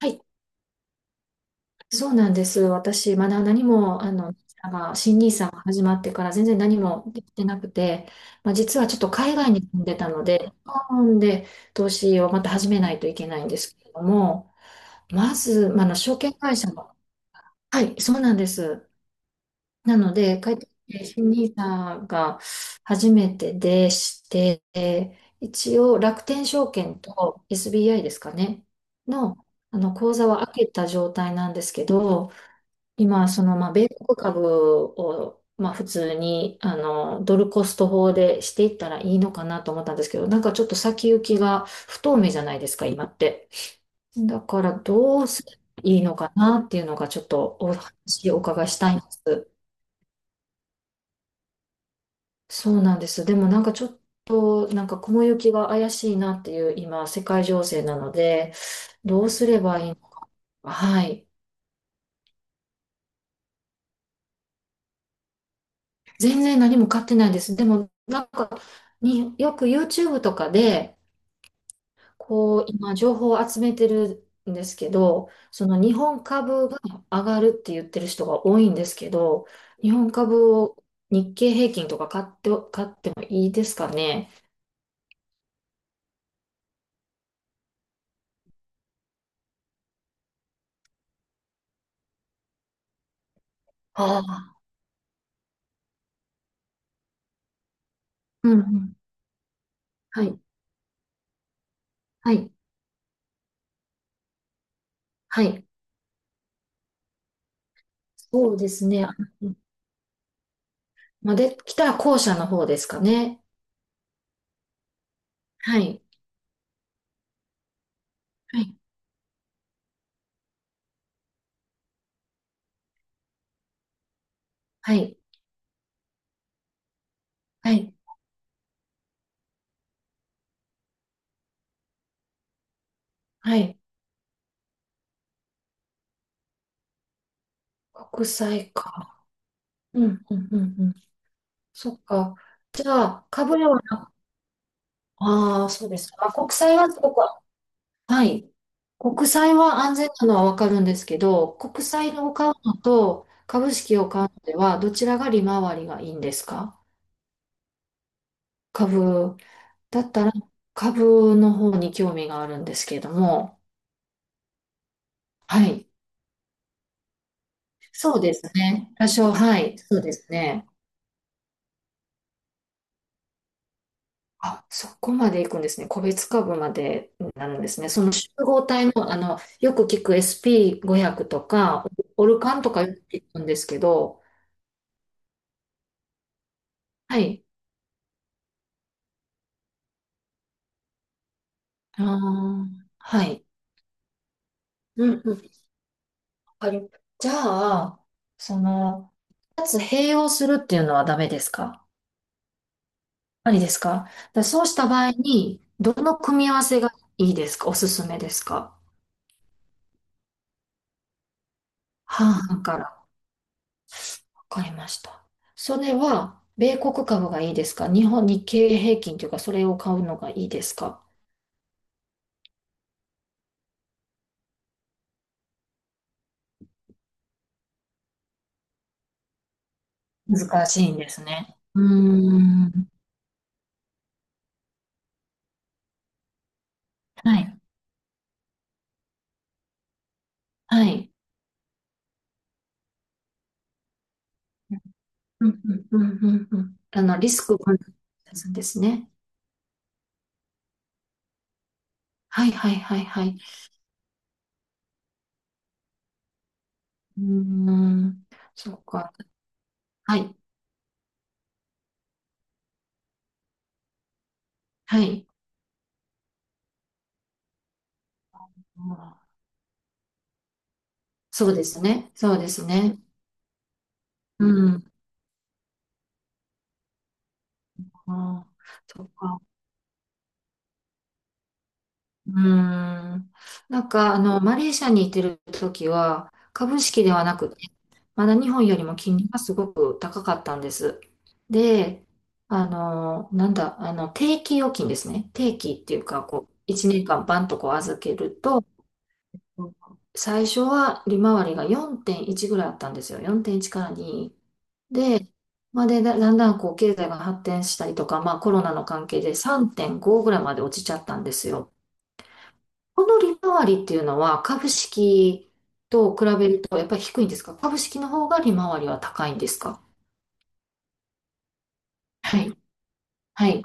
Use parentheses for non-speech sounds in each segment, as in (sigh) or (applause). はい、そうなんです。私、まだ何も、新 n i s が始まってから全然何もできてなくて、実はちょっと海外に住んでたので、日本で投資をまた始めないといけないんですけれども、まず、証券会社の、はい、そうなんです。なので、帰ってきて、新 n さんが初めてでして、一応楽天証券と SBI ですかね、の、あの口座は開けた状態なんですけど、今、米国株を、普通に、ドルコスト法でしていったらいいのかなと思ったんですけど、なんかちょっと先行きが不透明じゃないですか、今って。だから、どうすればいいのかなっていうのが、ちょっとお話をお伺いしたいんです。そうなんです。でも、なんかちょっと、なんか雲行きが怪しいなっていう、今、世界情勢なので、どうすればいいのか。はい。全然何も買ってないです。でも、なんか、によく YouTube とかで、こう、今、情報を集めてるんですけど、その日本株が上がるって言ってる人が多いんですけど、日本株を日経平均とか買って、買ってもいいですかね？ああ、うんうん。はい。はい。はい。そうですね。のまあ、できたら後者の方ですかね。はい。はい。はい。はい。はい。国債か。うん、うん、うん、うん。そっか。じゃあ、株では、ああ、そうですか。国債はすごくはい。国債は安全なのはわかるんですけど、国債を買うのと株式を買うのでは、どちらが利回りがいいんですか？株。だったら株の方に興味があるんですけれども。はい。そうですね。多少、はい。そうですね。あ、そこまで行くんですね。個別株までなるんですね。その集合体の、あの、よく聞く SP500 とか、オルカンとかよく聞くんですけど、はい。あーはい。うんうん。あれ、じゃあ、その、二つ併用するっていうのはダメですか？ありですか？でそうした場合に、どの組み合わせがいいですか？おすすめですか？半々から。わかりました。それは、米国株がいいですか？日本、日経平均というか、それを買うのがいいですか？難しいんですね。うーん。はい。はい。うんうんうんうんうん。あの、リスクを感るんですね。はいはいはいはい。うーん、そっか。はい、はい。あーそうですね、そうですね。うん、あー、そっか。うーん。なんか、あの、マレーシアにいてる時は、株式ではなくて、まだ日本よりも金利がすごく高かったんです。で、あの、なんだ、あの、定期預金ですね。定期っていうか、こう、1年間バンとこう預けると、最初は利回りが4.1ぐらいあったんですよ。4.1から2で、まあ、で、だんだんこう経済が発展したりとか、まあ、コロナの関係で3.5ぐらいまで落ちちゃったんですよ。この利回りっていうのは株式と比べるとやっぱり低いんですか？株式の方が利回りは高いんですか？はい、はい、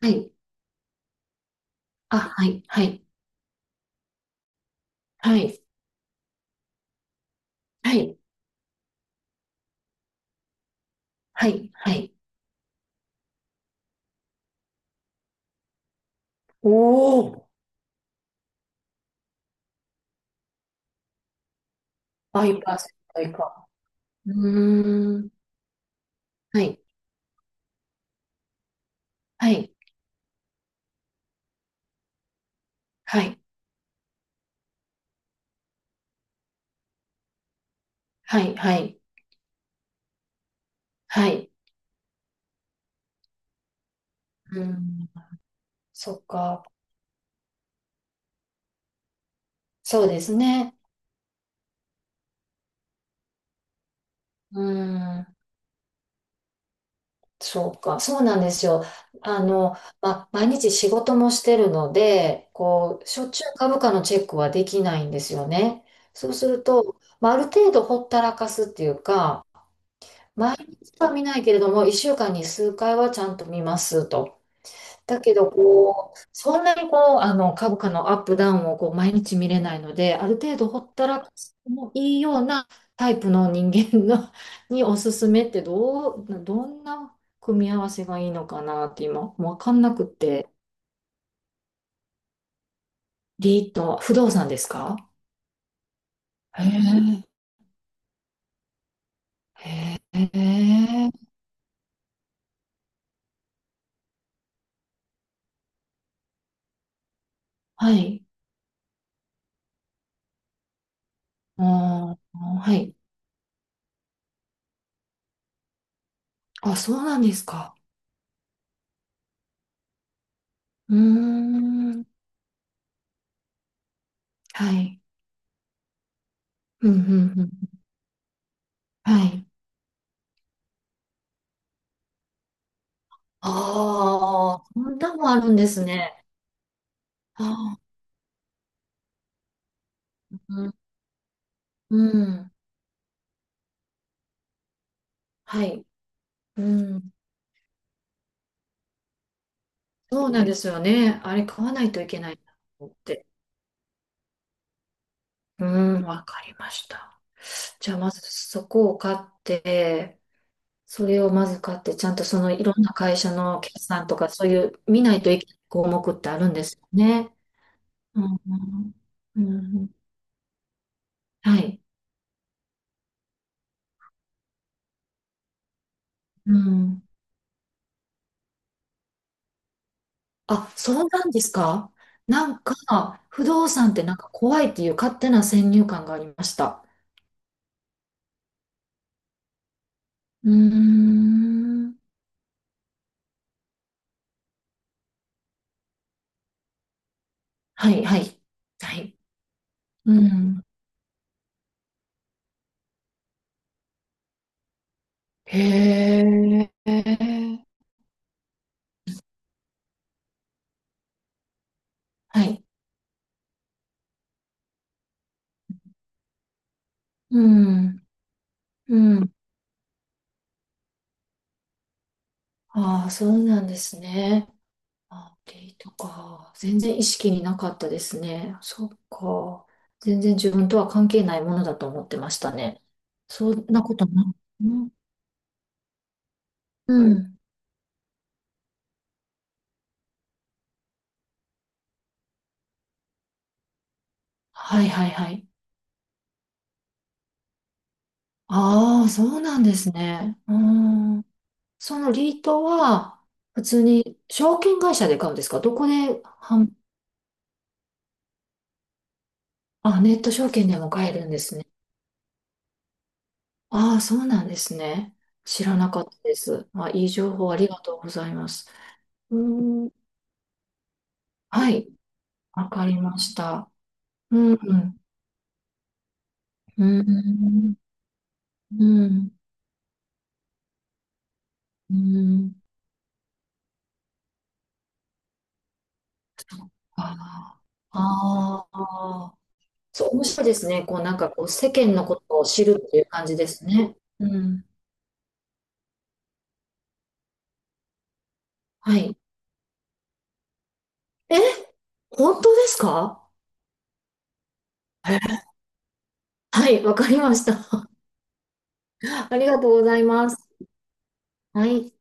はい。あ、はい、はい、はい、はい、はい、はい。おお、倍パーセント以下。うーん、はい、はい、はい、はい、はい、はい。うーん、そっか。そうですね。うーん、そうか、そうなんですよ。あの、毎日仕事もしてるので、こう、しょっちゅう株価のチェックはできないんですよね。そうすると、まあ、ある程度ほったらかすっていうか、毎日は見ないけれども、1週間に数回はちゃんと見ますと。だけど、こう、そんなにこう、あの、株価のアップダウンをこう毎日見れないので、ある程度ほったらかしてもいいようなタイプの人間の (laughs) におすすめってどんな組み合わせがいいのかなって今、わかんなくって。リート、不動産ですか？へえ、へえ、はい。あー、はい。あ、そうなんですか。うーん、はい。うん、うん、うん。はい。ああ、そんなもあるんですね。ああ、うん、うん、はい、うん、そうなんですよね。あれ買わないといけないなと思って。うん、わかりました。じゃあまずそこを買って、それをまず買って、ちゃんとそのいろんな会社の決算とかそういう見ないといけない項目ってあるんですよね。うん、うん、うんはい、うん。あ、そうなんですか？なんか、不動産ってなんか怖いっていう勝手な先入観がありました。うーん。はい、はい。はい。うん。へえ。はい。うん。うん。ああ、そうなんですね。あ、デイとか。全然意識になかったですね。そっか。全然自分とは関係ないものだと思ってましたね。そんなことない。うん。うん。はい、はい、はい。ああ、そうなんですね。うーん。そのリートは、普通に証券会社で買うんですか？どこで販、あ、ネット証券でも買えるんですね。ああ、そうなんですね。知らなかったです。まあ、いい情報ありがとうございます。うーん。はい、わかりました。うん、うん、うん、うん。うんああ、ああ、そう、面白いですね。こう、なんかこう、世間のことを知るっていう感じですね。うんはい。え、本当ですか？はい、わかりました。(laughs) ありがとうございます。はい。